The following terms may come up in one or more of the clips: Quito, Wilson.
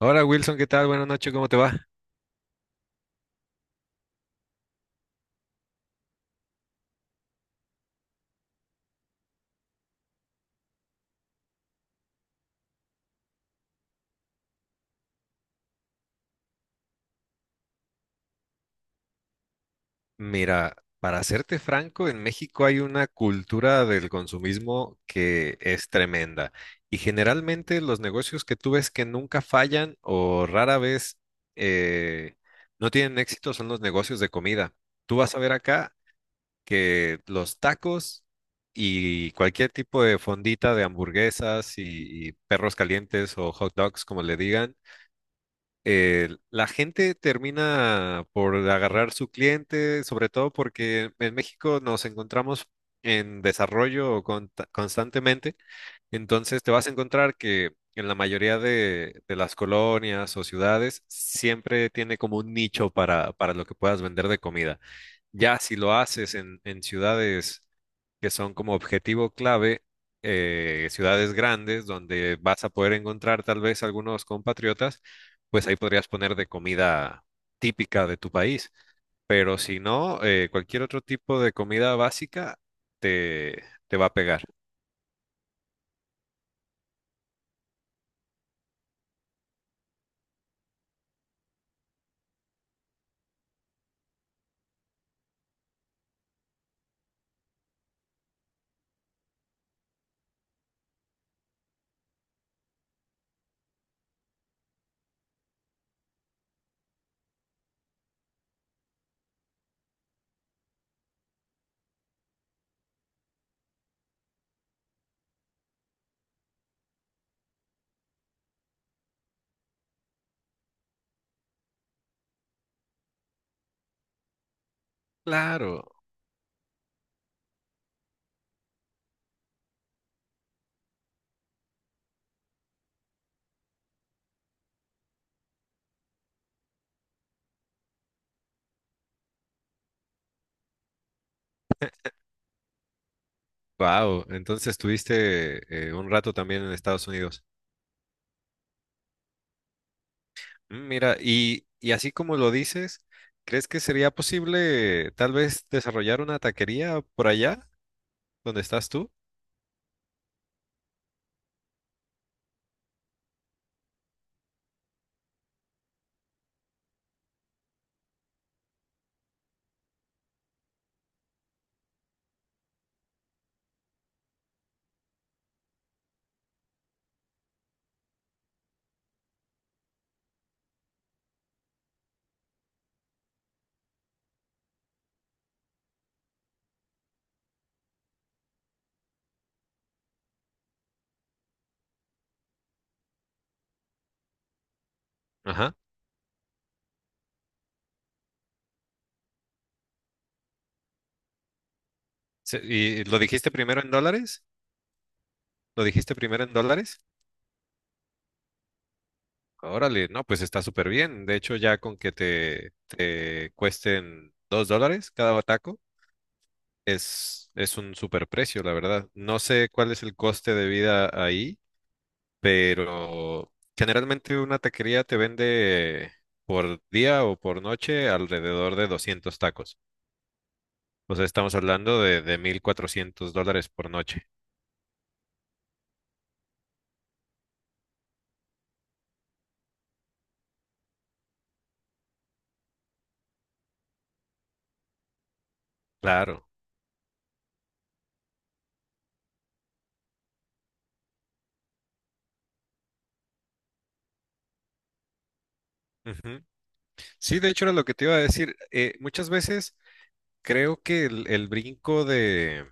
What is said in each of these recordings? Hola Wilson, ¿qué tal? Buenas noches, ¿cómo te va? Mira, para serte franco, en México hay una cultura del consumismo que es tremenda y generalmente los negocios que tú ves que nunca fallan o rara vez eh, no tienen éxito son los negocios de comida. Tú vas a ver acá que los tacos y cualquier tipo de fondita de hamburguesas y perros calientes o hot dogs, como le digan, la gente termina por agarrar su cliente, sobre todo porque en México nos encontramos en desarrollo constantemente. Entonces te vas a encontrar que en la mayoría de las colonias o ciudades siempre tiene como un nicho para lo que puedas vender de comida. Ya si lo haces en ciudades que son como objetivo clave, ciudades grandes donde vas a poder encontrar tal vez algunos compatriotas, pues ahí podrías poner de comida típica de tu país. Pero si no, cualquier otro tipo de comida básica te, te va a pegar. Claro, wow. Entonces estuviste, un rato también en Estados Unidos. Mm. Mira, y así como lo dices, ¿crees que sería posible tal vez desarrollar una taquería por allá donde estás tú? Ajá. ¿Y lo dijiste primero en dólares? ¿Lo dijiste primero en dólares? Órale, no, pues está súper bien. De hecho, ya con que te cuesten 2 dólares cada taco, es un súper precio, la verdad. No sé cuál es el coste de vida ahí, pero generalmente una taquería te vende por día o por noche alrededor de 200 tacos. O sea, estamos hablando de 1.400 dólares por noche. Claro. Ujú. Sí, de hecho era lo que te iba a decir. Muchas veces creo que el brinco de,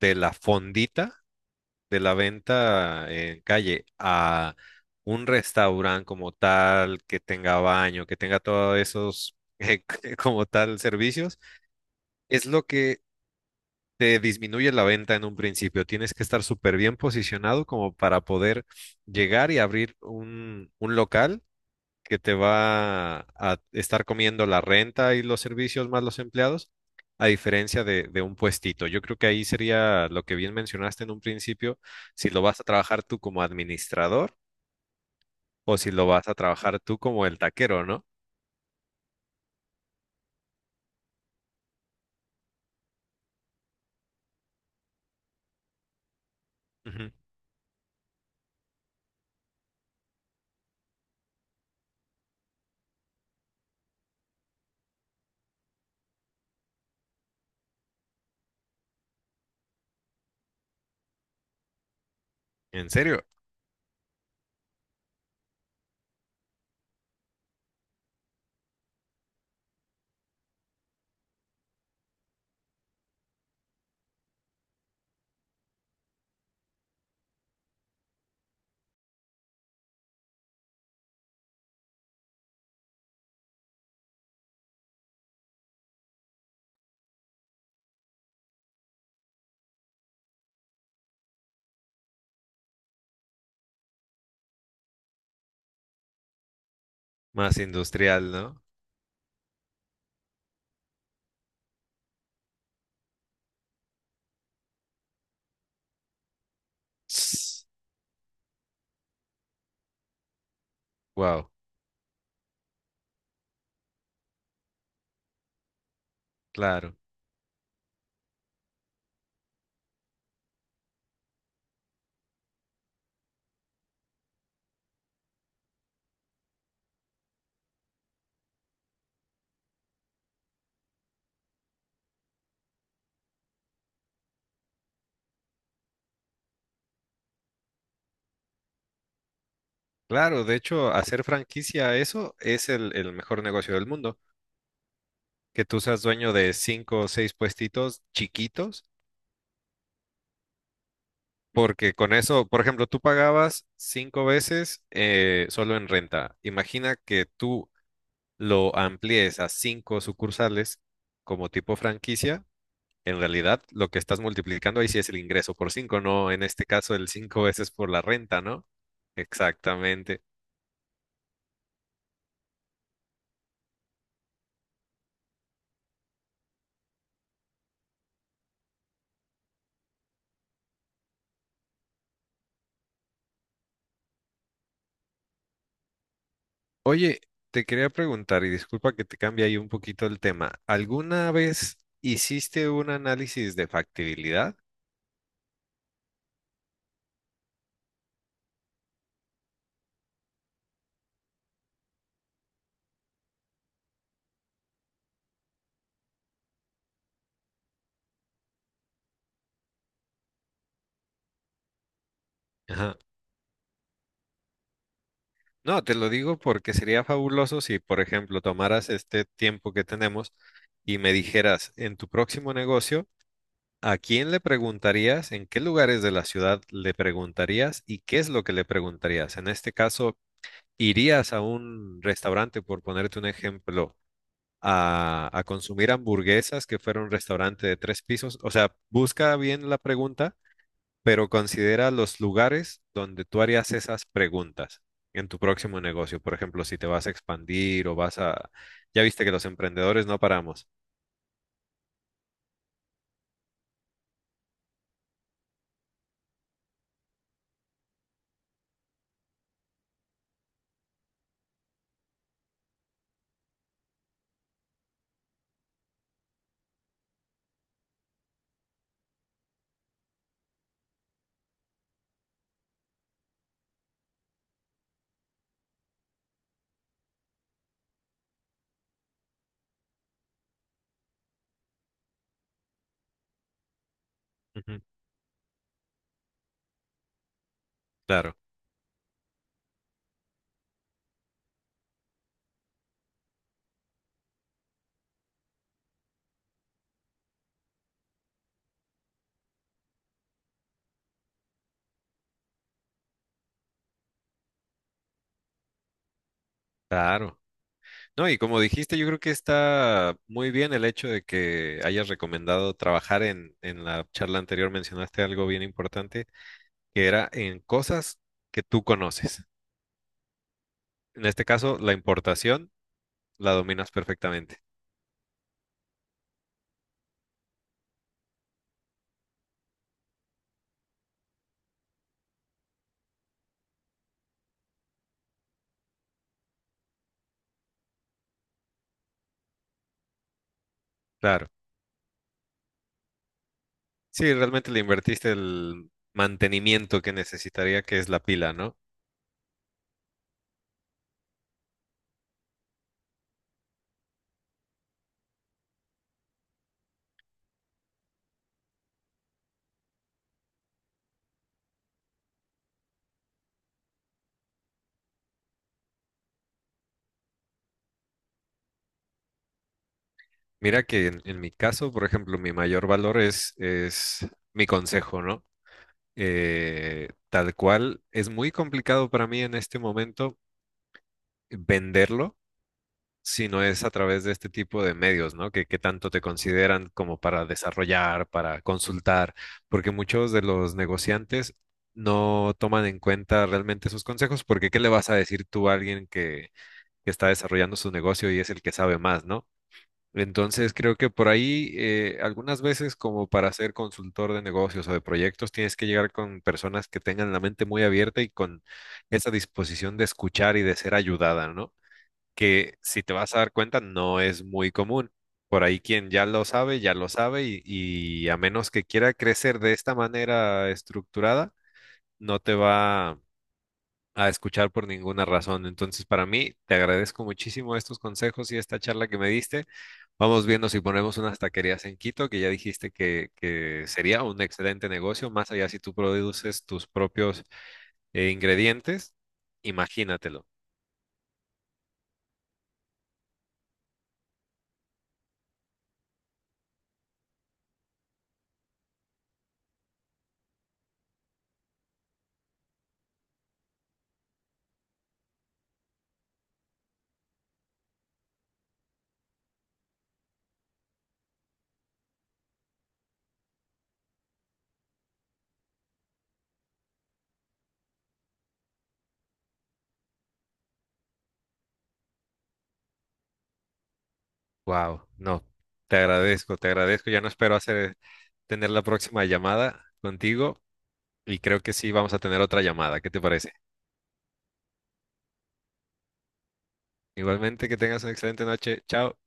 de la fondita, de la venta en calle a un restaurante como tal, que tenga baño, que tenga todos esos como tal servicios, es lo que te disminuye la venta en un principio. Tienes que estar súper bien posicionado como para poder llegar y abrir un local que te va a estar comiendo la renta y los servicios más los empleados, a diferencia de un puestito. Yo creo que ahí sería lo que bien mencionaste en un principio, si lo vas a trabajar tú como administrador o si lo vas a trabajar tú como el taquero, ¿no? Ujú. ¿En serio? Más industrial, ¿no? Wow, claro. Claro, de hecho, hacer franquicia a eso es el mejor negocio del mundo, que tú seas dueño de cinco o seis puestitos chiquitos, porque con eso, por ejemplo, tú pagabas cinco veces, solo en renta. Imagina que tú lo amplíes a cinco sucursales como tipo franquicia. En realidad, lo que estás multiplicando ahí sí es el ingreso por cinco, no en este caso el cinco veces por la renta, ¿no? Exactamente. Oye, te quería preguntar, y disculpa que te cambie ahí un poquito el tema. ¿Alguna vez hiciste un análisis de factibilidad? Ajá. No, te lo digo porque sería fabuloso si, por ejemplo, tomaras este tiempo que tenemos y me dijeras en tu próximo negocio, ¿a quién le preguntarías? ¿En qué lugares de la ciudad le preguntarías? ¿Y qué es lo que le preguntarías? En este caso, ¿irías a un restaurante, por ponerte un ejemplo, a consumir hamburguesas, que fuera un restaurante de tres pisos? O sea, busca bien la pregunta, pero considera los lugares donde tú harías esas preguntas en tu próximo negocio. Por ejemplo, si te vas a expandir o vas a... Ya viste que los emprendedores no paramos. Ujú. Claro, claro. No, y como dijiste, yo creo que está muy bien el hecho de que hayas recomendado trabajar en, la charla anterior, mencionaste algo bien importante, que era en cosas que tú conoces. En este caso, la importación la dominas perfectamente. Claro. Sí, realmente le invertiste el mantenimiento que necesitaría, que es la pila, ¿no? Mira que en mi caso, por ejemplo, mi mayor valor es mi consejo, ¿no? Tal cual, es muy complicado para mí en este momento venderlo sino es a través de este tipo de medios, ¿no? Que tanto te consideran como para desarrollar, para consultar, porque muchos de los negociantes no toman en cuenta realmente sus consejos, porque ¿qué le vas a decir tú a alguien que está desarrollando su negocio y es el que sabe más, ¿no? Entonces creo que por ahí, algunas veces como para ser consultor de negocios o de proyectos tienes que llegar con personas que tengan la mente muy abierta y con esa disposición de escuchar y de ser ayudada, ¿no? Que si te vas a dar cuenta no es muy común. Por ahí quien ya lo sabe y a menos que quiera crecer de esta manera estructurada, no te va a escuchar por ninguna razón. Entonces, para mí, te agradezco muchísimo estos consejos y esta charla que me diste. Vamos viendo si ponemos unas taquerías en Quito, que ya dijiste que sería un excelente negocio, más allá si tú produces tus propios, ingredientes, imagínatelo. Wow, no, te agradezco, te agradezco. Ya no espero hacer tener la próxima llamada contigo y creo que sí vamos a tener otra llamada. ¿Qué te parece? Igualmente, que tengas una excelente noche. Chao.